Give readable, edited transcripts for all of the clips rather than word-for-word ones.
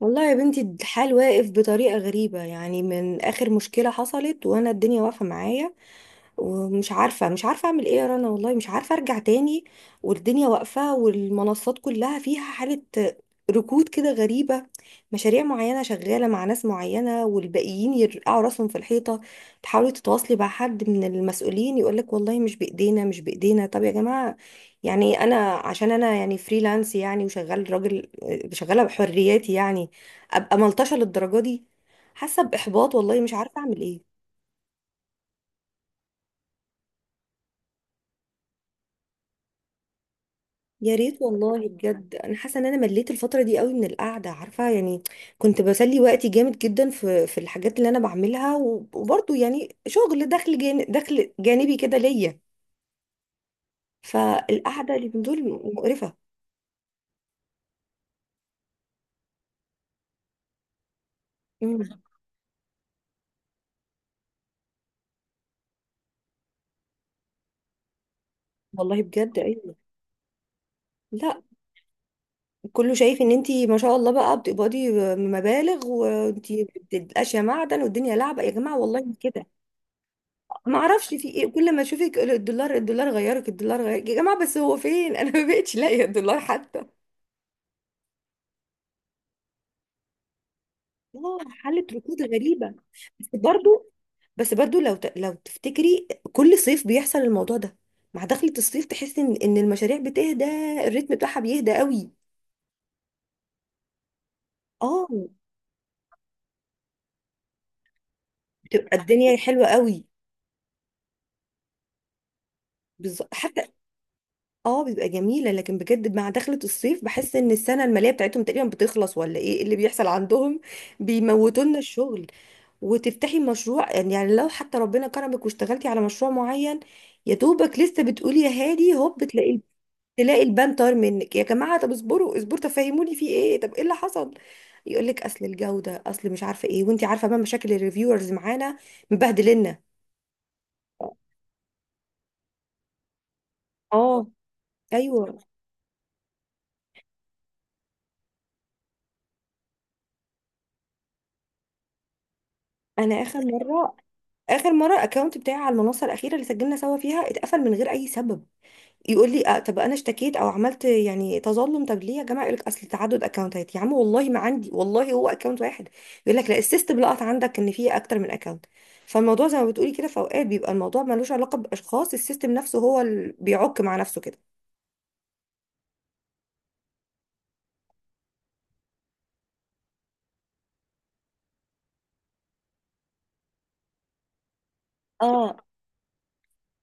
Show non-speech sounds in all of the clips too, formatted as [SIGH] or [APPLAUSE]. والله يا بنتي، الحال واقف بطريقة غريبة. يعني من آخر مشكلة حصلت وأنا الدنيا واقفة معايا. ومش عارفة مش عارفة أعمل إيه يا رنا، والله مش عارفة أرجع تاني. والدنيا واقفة، والمنصات كلها فيها حالة ركود كده غريبة. مشاريع معينة شغالة مع ناس معينة، والباقيين يرقعوا راسهم في الحيطة. تحاولي تتواصلي مع حد من المسؤولين يقولك والله مش بإيدينا، مش بإيدينا. طب يا جماعة، يعني أنا عشان أنا يعني فريلانس، يعني وشغال راجل شغالة بحرياتي، يعني أبقى ملطشة للدرجة دي؟ حاسة بإحباط، والله مش عارفة أعمل إيه. يا ريت والله، بجد انا حاسه ان انا مليت الفتره دي قوي من القعده، عارفه يعني. كنت بسلي وقتي جامد جدا في الحاجات اللي انا بعملها، وبرضه يعني شغل دخل جانبي كده ليا. فالقعده اللي من دول مقرفه. امم. والله بجد ايوه. لا. كله شايف ان انتي ما شاء الله بقى بتقبضي مبالغ، وانتي بتبقاش يا معدن. والدنيا لعبه يا جماعه، والله مش كده. ما اعرفش في ايه، كل ما اشوفك الدولار الدولار، غيرك الدولار، غيرك يا جماعه. بس هو فين؟ [LAUGHS] انا ما بقتش لاقيه الدولار حتى. اه، حلت ركود غريبة. بس برضو لو تفتكري كل صيف بيحصل الموضوع ده. مع دخلة الصيف تحسي ان المشاريع بتهدى، الريتم بتاعها بيهدى قوي. اه. بتبقى الدنيا حلوة قوي. بالظبط، حتى. اه، بيبقى جميلة. لكن بجد مع دخلة الصيف، بحس ان السنة المالية بتاعتهم تقريبا بتخلص، ولا ايه اللي بيحصل عندهم؟ بيموتوا لنا الشغل. وتفتحي مشروع، يعني لو حتى ربنا كرمك واشتغلتي على مشروع معين، يا دوبك لسه بتقولي يا هادي هوب، بتلاقي تلاقي البان طار منك يا جماعه. طب اصبروا اصبروا، تفهموني في ايه؟ طب ايه اللي حصل؟ يقول لك اصل الجوده، اصل مش عارفه ايه. وانت عارفه بقى مشاكل الريفيورز معانا، مبهدلنا. اه. ايوه. انا اخر مره الاكونت بتاعي على المنصه الاخيره اللي سجلنا سوا فيها اتقفل من غير اي سبب. يقول لي آه، طب انا اشتكيت او عملت يعني تظلم، طب ليه يا جماعه؟ يقول لك اصل تعدد اكونتات. يا عم والله ما عندي، والله هو اكونت واحد. يقول لك لا، السيستم لقط عندك ان في اكتر من اكونت. فالموضوع زي ما بتقولي كده، في اوقات بيبقى الموضوع ملوش علاقه باشخاص، السيستم نفسه هو اللي بيعك مع نفسه كده. اه،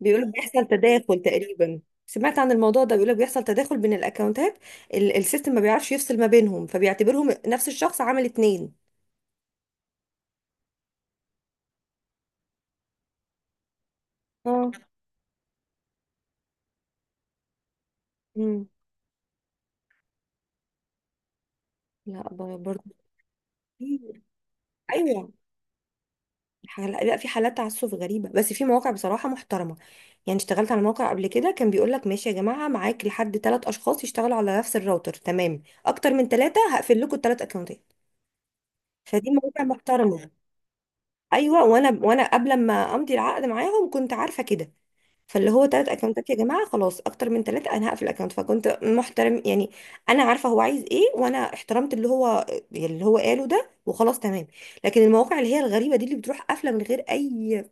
بيقولوا بيحصل تداخل تقريبا. سمعت عن الموضوع ده، بيقولوا بيحصل تداخل بين الاكونتات. السيستم ما بيعرفش يفصل ما بينهم، فبيعتبرهم نفس الشخص عامل اتنين. اه. مم. لا. برضه. في- ايوه. لا، في حالات تعسف غريبة. بس في مواقع بصراحة محترمة. يعني اشتغلت على موقع قبل كده كان بيقول لك ماشي يا جماعة، معاك لحد 3 أشخاص يشتغلوا على نفس الراوتر، تمام. أكتر من 3 هقفل لكم ال 3 أكونتات. فدي مواقع محترمة. أيوة، وأنا قبل ما أمضي العقد معاهم كنت عارفة كده. فاللي هو 3 أكونتات يا جماعة خلاص، أكتر من 3 أنا هقفل الأكونت. فكنت محترم يعني، أنا عارفة هو عايز إيه، وأنا احترمت اللي هو قاله ده، وخلاص تمام. لكن المواقع اللي هي الغريبة دي، اللي بتروح قافلة من غير أي،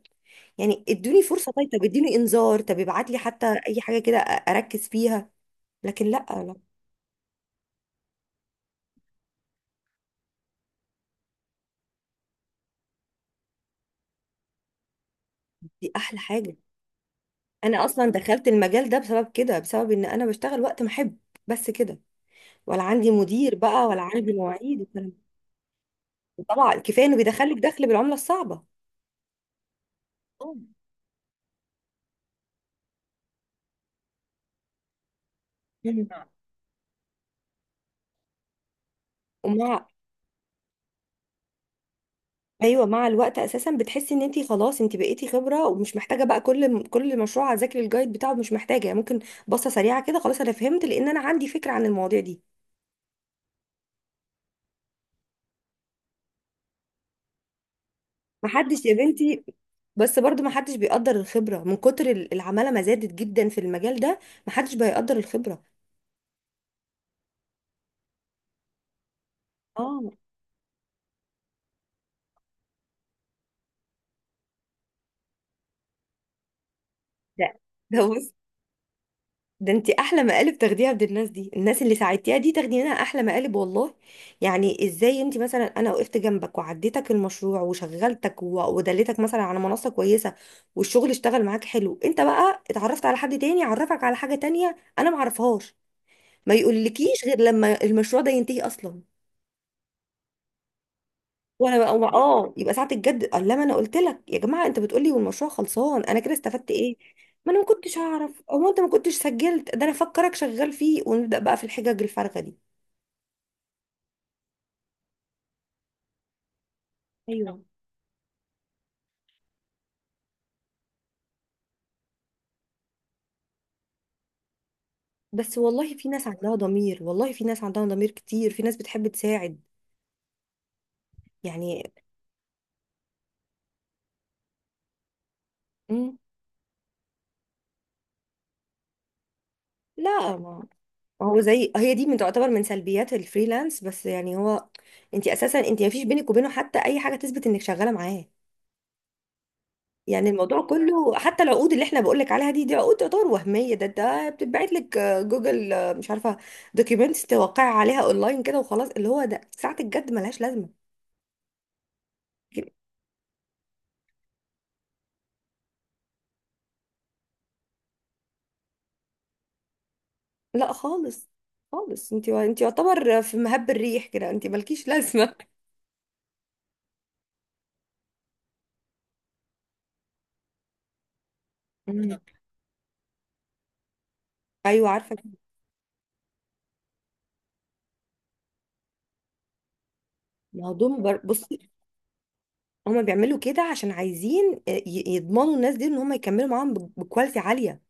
يعني ادوني فرصة، طيب طب اديني انذار، طب ابعت لي حتى اي حاجة كده اركز فيها. لكن لا، لا. دي احلى حاجة. انا اصلا دخلت المجال ده بسبب كده، بسبب ان انا بشتغل وقت ما احب، بس كده. ولا عندي مدير بقى، ولا عندي مواعيد والكلام ده. طبعا كفاية انه بيدخلك دخل بالعملة الصعبة. آه. مم. ومع ايوه، مع الوقت اساسا بتحسي ان انت خلاص انت بقيتي خبره، ومش محتاجه بقى كل مشروع اذاكر الجايد بتاعه، مش محتاجه يعني. ممكن بصه سريعه كده خلاص انا فهمت، لان انا عندي فكره عن المواضيع دي. محدش يا بنتي، بس برضو محدش بيقدر الخبرة، من كتر العمالة ما زادت جدا في المجال ده. محدش بيقدر الخبرة. اه. ده ده بص، ده انت احلى مقالب تاخديها عند الناس دي، الناس اللي ساعدتيها دي تاخدي منها احلى مقالب، والله. يعني ازاي؟ انت مثلا، انا وقفت جنبك وعديتك المشروع وشغلتك، ودلتك مثلا على منصة كويسة والشغل اشتغل معاك حلو. انت بقى اتعرفت على حد تاني عرفك على حاجة تانية انا معرفهاش، ما يقولكيش غير لما المشروع ده ينتهي اصلا. وانا بقى اه، يبقى ساعه الجد قال لما انا قلت لك يا جماعه، انت بتقول لي والمشروع خلصان، انا كده استفدت ايه؟ ما انا ما كنتش اعرف، او انت ما كنتش سجلت ده، انا فكرك شغال فيه، ونبدا بقى في الحجج الفارغه دي. ايوه. بس والله في ناس عندها ضمير، والله في ناس عندها ضمير كتير، في ناس بتحب تساعد يعني. مم، لا. ما هو زي هي دي، من تعتبر من سلبيات الفريلانس بس، يعني هو انت اساسا انت ما فيش بينك وبينه حتى اي حاجه تثبت انك شغاله معاه. يعني الموضوع كله، حتى العقود اللي احنا بقولك عليها دي، عقود تعتبر وهمية. ده بتتبعت لك، جوجل، مش عارفة، دوكيومنتس توقع عليها اونلاين كده وخلاص. اللي هو ده ساعة الجد ملهاش لازمة. لا، خالص خالص. انت يعتبر في مهب الريح كده، انت مالكيش لازمة. مم. [LAUGHS] ايوه عارفة. ما هو دول بصي، هما بيعملوا كده عشان عايزين يضمنوا الناس دي ان هما يكملوا معاهم بكواليتي عالية.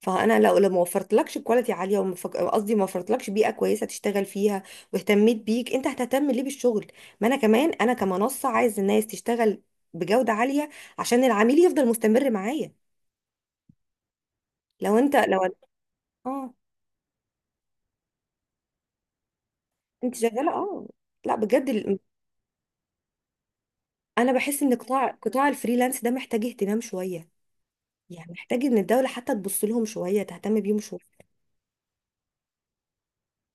فانا لو ما وفرتلكش كواليتي عاليه، قصدي ما وفرتلكش بيئه كويسه تشتغل فيها، واهتميت بيك، انت هتهتم ليه بالشغل؟ ما انا كمان انا كمنصه عايز الناس تشتغل بجوده عاليه عشان العميل يفضل مستمر معايا. لو انت لو اه، انت شغاله. اه. لا بجد انا بحس ان قطاع الفريلانس ده محتاج اهتمام شويه، يعني محتاج ان الدوله حتى تبص لهم شويه، تهتم بيهم شويه.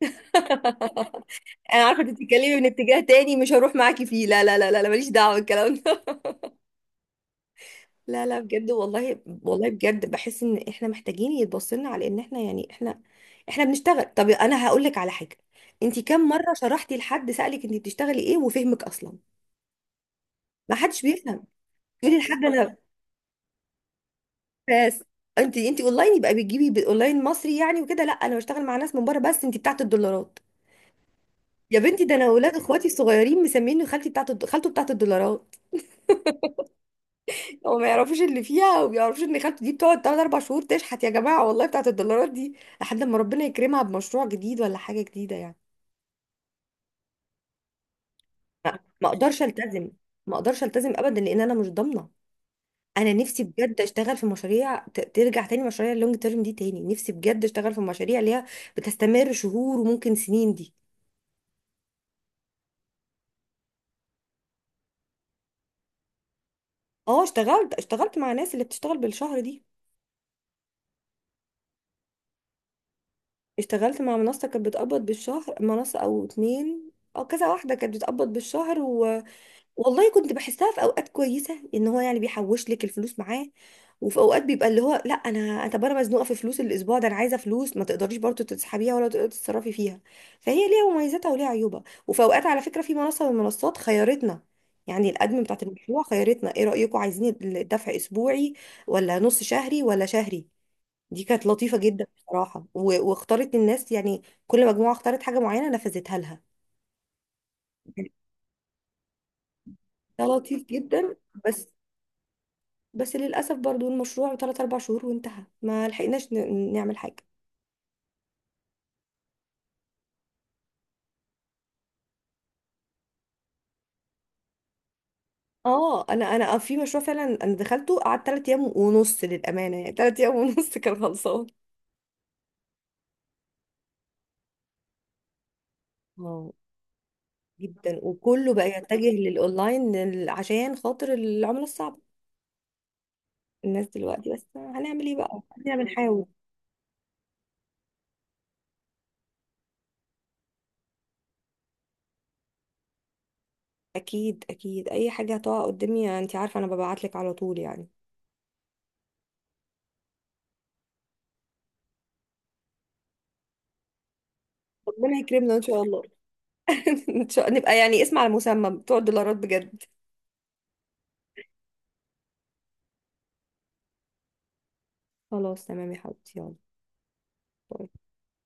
[LAUGHS] انا عارفه انت بتتكلمي من اتجاه تاني مش هروح معاكي فيه، لا لا لا لا لا، ماليش دعوه بالكلام ده. لا لا بجد، والله والله بجد بحس ان احنا محتاجين يتبصلنا، على ان احنا يعني احنا بنشتغل. طب انا هقول لك على حاجه، انت كم مره شرحتي لحد سالك انت بتشتغلي ايه وفهمك اصلا؟ ما حدش بيفهم. تقولي لحد انا بس انت اونلاين، يبقى بتجيبي اونلاين مصري يعني وكده. لا انا بشتغل مع ناس من بره. بس انت بتاعت الدولارات. يا بنتي، ده انا اولاد اخواتي الصغيرين مسميني خالتي خالته بتاعت الدولارات. هو ما يعرفوش اللي فيها، وما يعرفوش ان خالته دي بتقعد 3 4 شهور تشحت يا جماعه، والله بتاعت الدولارات دي لحد ما ربنا يكرمها بمشروع جديد ولا حاجه جديده يعني. ما اقدرش التزم، ما اقدرش التزم ابدا لان انا مش ضامنه. انا نفسي بجد اشتغل في مشاريع ترجع تاني، مشاريع اللونج تيرم دي تاني. نفسي بجد اشتغل في مشاريع اللي هي بتستمر شهور وممكن سنين دي. اه، اشتغلت مع ناس اللي بتشتغل بالشهر دي. اشتغلت مع منصه كانت بتقبض بالشهر، منصه او اتنين او كذا واحده كانت بتقبض بالشهر. والله كنت بحسها في اوقات كويسه، ان هو يعني بيحوش لك الفلوس معاه. وفي اوقات بيبقى اللي هو لا، انا طب انا مزنوقه في فلوس الاسبوع ده، انا عايزه فلوس، ما تقدريش برضه تسحبيها ولا تقدري تتصرفي فيها. فهي ليها مميزاتها وليها عيوبها. وفي اوقات على فكره في منصه من المنصات خيرتنا، يعني الادمن بتاعت المشروع خيرتنا ايه رايكم، عايزين الدفع اسبوعي ولا نص شهري ولا شهري؟ دي كانت لطيفه جدا بصراحه، واختارت الناس. يعني كل مجموعه اختارت حاجه معينه نفذتها لها. ده لطيف جدا. بس للأسف برضو المشروع 3 4 شهور وانتهى، ما لحقناش نعمل حاجة. اه، انا في مشروع فعلا انا دخلته، قعدت 3 ايام ونص للامانه يعني، 3 ايام ونص كان خلصان. اه، جدا. وكله بقى يتجه للاونلاين عشان خاطر العمله الصعبه. الناس دلوقتي، بس هنعمل ايه بقى، خلينا بنحاول. اكيد اكيد، اي حاجه هتقع قدامي انت عارفه انا ببعت لك على طول يعني. ربنا يكرمنا ان شاء الله. [LAUGHS] ان شاء نبقى يعني اسم على مسمى بتوع الدولارات بجد. خلاص تمام يا حبيبتي، يلا، باي.